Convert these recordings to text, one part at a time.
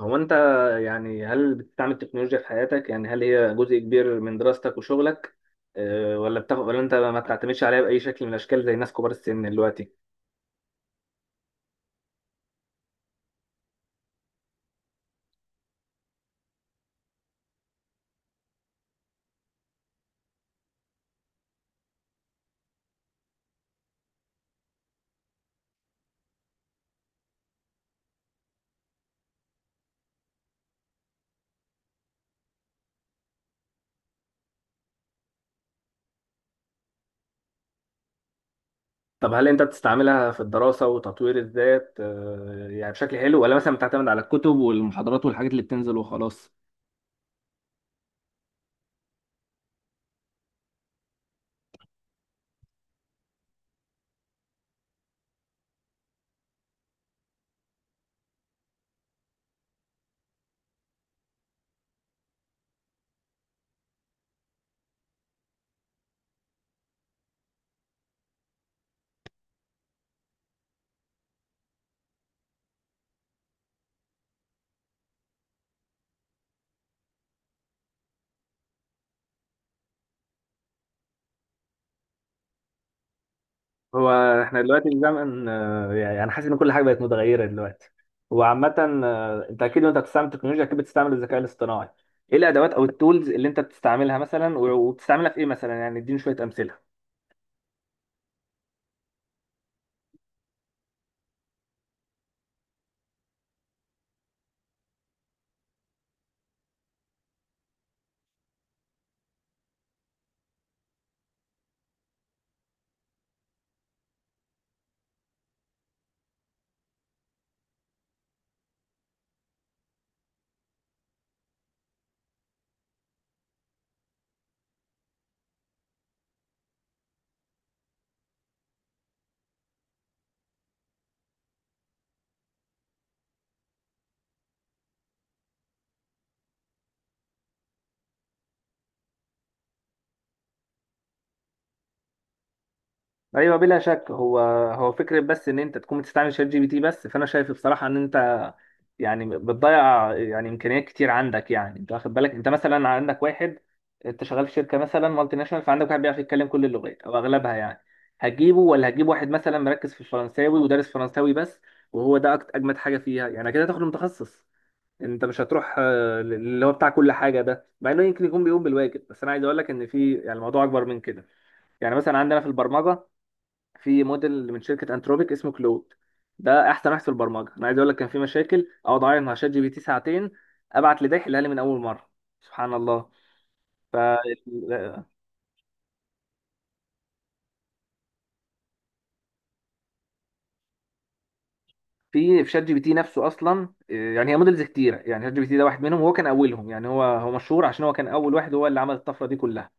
هو انت يعني هل بتستعمل التكنولوجيا في حياتك؟ يعني هل هي جزء كبير من دراستك وشغلك ولا بتاخد، ولا انت ما بتعتمدش عليها باي شكل من الاشكال زي ناس كبار السن دلوقتي؟ طب هل انت بتستعملها في الدراسه وتطوير الذات، يعني بشكل حلو، ولا مثلا بتعتمد على الكتب والمحاضرات والحاجات اللي بتنزل وخلاص؟ هو احنا دلوقتي الزمن، يعني انا حاسس ان كل حاجه بقت متغيره دلوقتي وعامه. انت اكيد وانت بتستعمل التكنولوجيا اكيد بتستعمل الذكاء الاصطناعي. ايه الادوات او التولز اللي انت بتستعملها مثلا، وبتستعملها في ايه مثلا؟ يعني اديني شويه امثله. ايوه بلا شك. هو هو فكره بس ان انت تكون بتستعمل شات جي بي تي بس، فانا شايف بصراحه ان انت يعني بتضيع يعني امكانيات كتير عندك. يعني انت واخد بالك؟ انت مثلا عندك واحد، انت شغال في شركه مثلا مالتي ناشونال، فعندك واحد بيعرف يتكلم كل اللغات او اغلبها، يعني هتجيبه ولا هتجيب واحد مثلا مركز في الفرنساوي ودارس فرنساوي بس؟ وهو ده اجمد حاجه فيها يعني كده، تاخد متخصص. انت مش هتروح اللي هو بتاع كل حاجه ده، مع انه يمكن يكون بيقوم بالواجب، بس انا عايز اقول لك ان في يعني الموضوع اكبر من كده. يعني مثلا عندنا في البرمجه، في موديل من شركه انتروبيك اسمه كلود، ده احسن واحد في البرمجه. انا عايز اقول لك، كان في مشاكل اقعد اعيط مع شات جي بي تي ساعتين، ابعت لده يحلها لي من اول مره. سبحان الله. ف في شات جي بي تي نفسه اصلا يعني هي موديلز كتيره. يعني شات جي بي تي ده واحد منهم، وهو كان اولهم. يعني هو مشهور عشان هو كان اول واحد، هو اللي عمل الطفره دي كلها.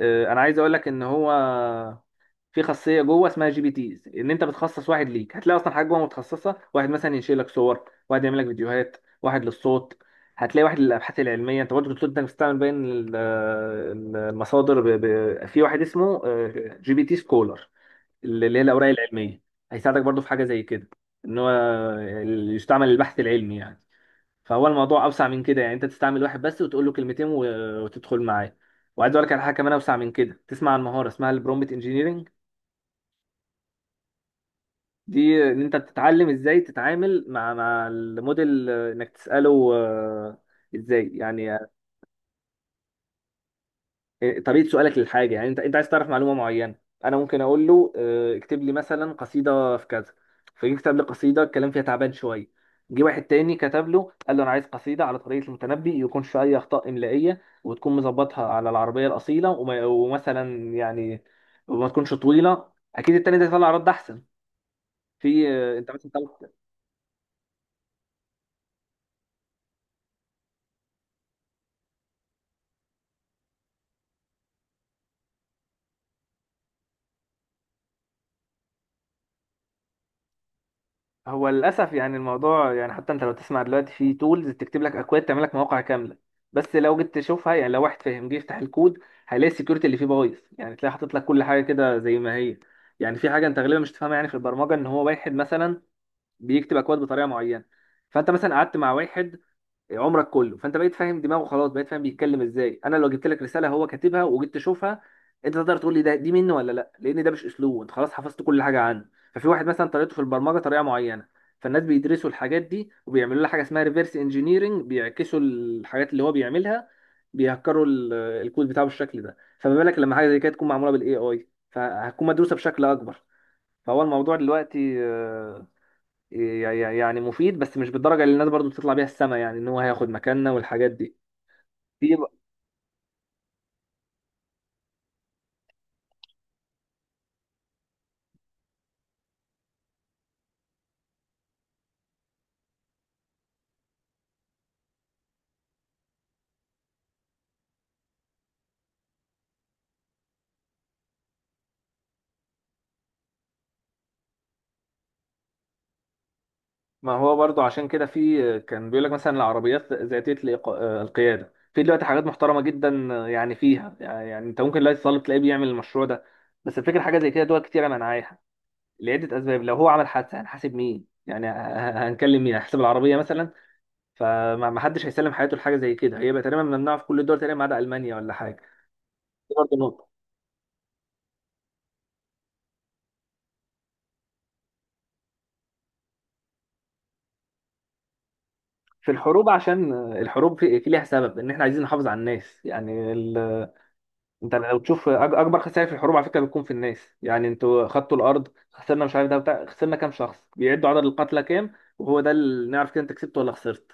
انا عايز اقول لك ان هو في خاصيه جوه اسمها جي بي تيز، ان انت بتخصص واحد ليك. هتلاقي اصلا حاجه جوه متخصصه، واحد مثلا ينشئ لك صور، واحد يعمل لك فيديوهات، واحد للصوت، هتلاقي واحد للابحاث العلميه. انت برضه بتقول انك بتستعمل بين المصادر، في واحد اسمه جي بي تي سكولر، اللي هي الاوراق العلميه. هيساعدك برضه في حاجه زي كده، ان هو يستعمل البحث العلمي يعني. فهو الموضوع اوسع من كده. يعني انت تستعمل واحد بس وتقول له كلمتين وتدخل معاه. وعايز اقول لك على حاجه كمان اوسع من كده. تسمع عن مهاره اسمها البرومبت انجينيرنج؟ دي ان انت بتتعلم ازاي تتعامل مع الموديل، انك تساله. ازاي يعني؟ طريقه سؤالك للحاجه. يعني انت عايز تعرف معلومه معينه، انا ممكن اقول له اكتب لي مثلا قصيده في كذا، فجه كتب لي قصيده الكلام فيها تعبان شويه. جه واحد تاني كتب له، قال له انا عايز قصيده على طريقه المتنبي، يكون فيها اي اخطاء املائيه وتكون مظبطها على العربيه الاصيله، ومثلا يعني وما تكونش طويله. اكيد التاني ده يطلع رد احسن. في انت مثلا. هو للاسف يعني الموضوع يعني، حتى انت لو تسمع دلوقتي في تولز تكتب لك اكواد، تعمل لك مواقع كامله، بس لو جيت تشوفها، يعني لو واحد فاهم جه يفتح الكود، هيلاقي السكيورتي اللي فيه بايظ. يعني تلاقي حاطط لك كل حاجه كده زي ما هي. يعني في حاجه انت غالبا مش تفهمها، يعني في البرمجه، ان هو واحد مثلا بيكتب اكواد بطريقه معينه، فانت مثلا قعدت مع واحد عمرك كله، فانت بقيت فاهم دماغه، خلاص بقيت فاهم بيتكلم ازاي. انا لو جبت لك رساله هو كاتبها وجيت تشوفها، انت تقدر تقول لي ده دي منه ولا لا، لان ده مش اسلوبه. انت خلاص حفظت كل حاجه عنه. ففي واحد مثلا طريقته في البرمجه طريقه معينه، فالناس بيدرسوا الحاجات دي وبيعملوا لها حاجه اسمها ريفرس انجينيرنج، بيعكسوا الحاجات اللي هو بيعملها، بيهكروا الكود بتاعه بالشكل ده. فما بالك لما حاجه زي كده تكون معموله بالاي اي، فهتكون مدروسه بشكل اكبر. فهو الموضوع دلوقتي، يعني مفيد، بس مش بالدرجه اللي الناس برضو بتطلع بيها السما يعني، ان هو هياخد مكاننا والحاجات دي. في ما هو برضو عشان كده في، كان بيقول لك مثلا العربيات ذاتيه القياده. في دلوقتي حاجات محترمه جدا، يعني فيها يعني، يعني انت ممكن دلوقتي تطالب تلاقيه بيعمل المشروع ده، بس الفكره حاجه زي كده دول كتيره منعاها لعده اسباب. لو هو عمل حادثه هنحاسب مين يعني؟ هنكلم مين؟ هنحسب العربيه مثلا؟ فما ما حدش هيسلم حياته لحاجه زي كده، هي بقى تقريبا ممنوعه في كل الدول تقريبا ما عدا المانيا ولا حاجه. دي برضو نقطه. في الحروب، عشان الحروب في ليها سبب، ان احنا عايزين نحافظ على الناس يعني انت لو تشوف اكبر خسائر في الحروب على فكره بتكون في الناس. يعني انتوا خدتوا الارض، خسرنا مش عارف ده بتاع، خسرنا كام شخص؟ بيعدوا عدد القتلى كام، وهو ده اللي نعرف كده انت كسبت ولا خسرت.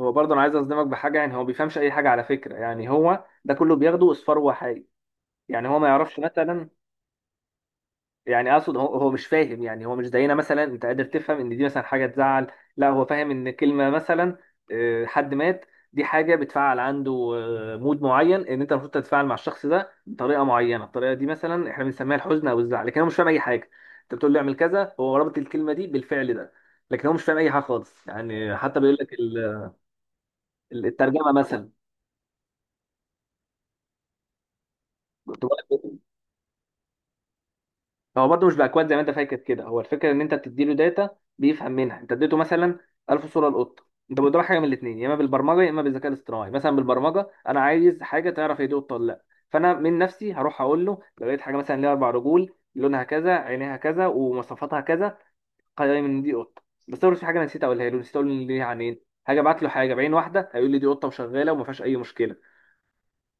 هو برضه انا عايز اصدمك بحاجه، يعني هو بيفهمش اي حاجه على فكره. يعني هو ده كله بياخده اصفار وحي. يعني هو ما يعرفش مثلا، يعني اقصد هو مش فاهم. يعني هو مش زينا مثلا، انت قادر تفهم ان دي مثلا حاجه تزعل، لا هو فاهم ان كلمه مثلا حد مات، دي حاجه بتفعل عنده مود معين، ان انت المفروض تتفاعل مع الشخص ده بطريقه معينه، الطريقه دي مثلا احنا بنسميها الحزن او الزعل. لكن هو مش فاهم اي حاجه. انت بتقول له اعمل كذا، هو رابط الكلمه دي بالفعل ده، لكن هو مش فاهم اي حاجه خالص. يعني حتى بيقول لك الترجمه مثلا، هو برضه مش باكواد زي ما انت فاكر كده. هو الفكره ان انت بتديله داتا، بيفهم منها. انت اديته مثلا 1000 صوره لقطه. انت بتدور حاجه من الاثنين، يا اما بالبرمجه يا اما بالذكاء الاصطناعي. مثلا بالبرمجه، انا عايز حاجه تعرف هي دي قطه ولا لا، فانا من نفسي هروح اقول له لو لقيت حاجه مثلا ليها اربع رجول، لونها كذا، عينيها كذا، ومواصفاتها كذا، قيم ان دي قطه. بس لو في حاجه أنا نسيت اقولها له، نسيت اقول ان ليها عينين، هاجي ابعت له حاجه بعين واحده، هيقول لي دي قطه وشغاله وما فيهاش اي مشكله.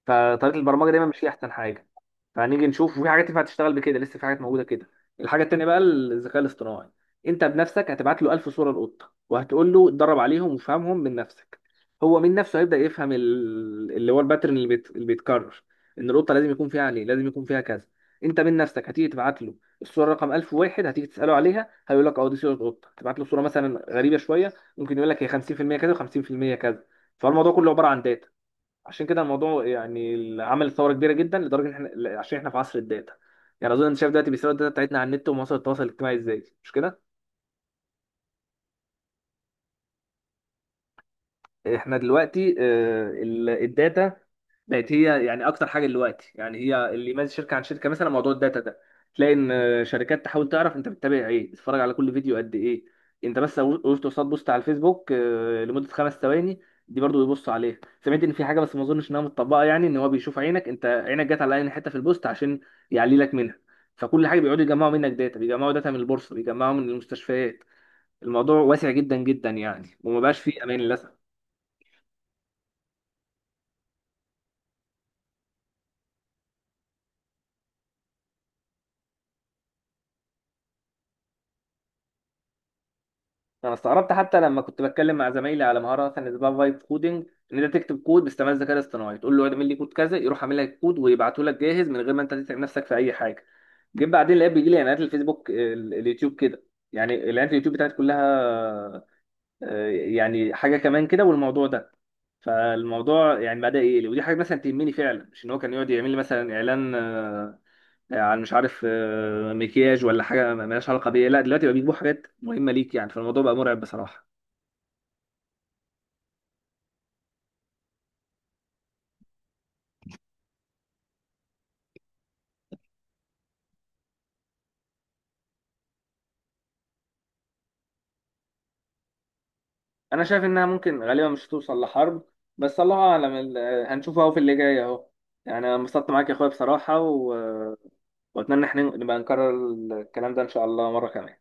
فطريقه البرمجه دايما مش هي احسن حاجه. فهنيجي نشوف، وفي حاجات ينفع تشتغل بكده لسه، في حاجات موجوده كده. الحاجه التانيه بقى الذكاء الاصطناعي. انت بنفسك هتبعت له 1000 صوره للقطه، وهتقول له اتدرب عليهم وفهمهم من نفسك، هو من نفسه هيبدا يفهم اللي هو الباترن اللي اللي بيتكرر، ان القطه لازم يكون فيها، عليه لازم يكون فيها كذا. انت من نفسك هتيجي تبعت له الصوره رقم 1001، هتيجي تساله عليها هيقول لك اه دي صوره قطه. تبعت له صوره مثلا غريبه شويه، ممكن يقول لك هي 50% كذا و50% كذا. فالموضوع كله عباره عن داتا. عشان كده الموضوع يعني اللي عمل ثوره كبيره جدا، لدرجه ان احنا، عشان احنا في عصر الداتا. يعني اظن انت شايف دلوقتي بيسرقوا الداتا بتاعتنا على النت ومواقع التواصل الاجتماعي ازاي، مش كده؟ احنا دلوقتي الداتا بقت هي يعني اكتر حاجه دلوقتي. يعني هي اللي يميز شركه عن شركه، مثلا موضوع الداتا ده. تلاقي ان شركات تحاول تعرف انت بتتابع ايه، تتفرج على كل فيديو قد ايه. انت بس لو وقفت قصاد بوست على الفيسبوك لمده 5 ثواني، دي برضو بيبصوا عليها. سمعت ان في حاجه، بس ما اظنش انها متطبقه، يعني ان هو بيشوف عينك، انت عينك جت على اي حته في البوست عشان يعلي لك منها. فكل حاجه بيقعدوا يجمعوا منك داتا، بيجمعوا داتا من البورصه، بيجمعوا من المستشفيات. الموضوع واسع جدا جدا يعني، وما بقاش فيه امان للاسف. انا استغربت حتى لما كنت بتكلم مع زمايلي على مهاره مثلا اسمها فايب كودنج، ان انت تكتب كود باستعمال الذكاء الاصطناعي، تقول له اعمل لي كود كذا، يروح عامل لك كود ويبعته لك جاهز من غير ما انت تتعب نفسك في اي حاجه. جيت بعدين لقيت بيجي لي اعلانات الفيسبوك، اليوتيوب كده. يعني اعلانات اليوتيوب بتاعت كلها يعني حاجه كمان كده والموضوع ده. فالموضوع يعني بدا يقلق، ودي حاجه مثلا تهمني فعلا. مش ان هو كان يقعد يعمل لي مثلا اعلان عن مش عارف مكياج ولا حاجه مالهاش علاقه بيا، لا دلوقتي بقى بيجيبوا حاجات مهمه ليك يعني، فالموضوع بقى مرعب بصراحه. انا شايف انها ممكن غالبا مش هتوصل لحرب، بس الله اعلم. هنشوف اهو في اللي جاي اهو. يعني انا انبسطت معاك يا اخويا بصراحة، واتمنى احنا نبقى نكرر الكلام ده ان شاء الله مرة كمان.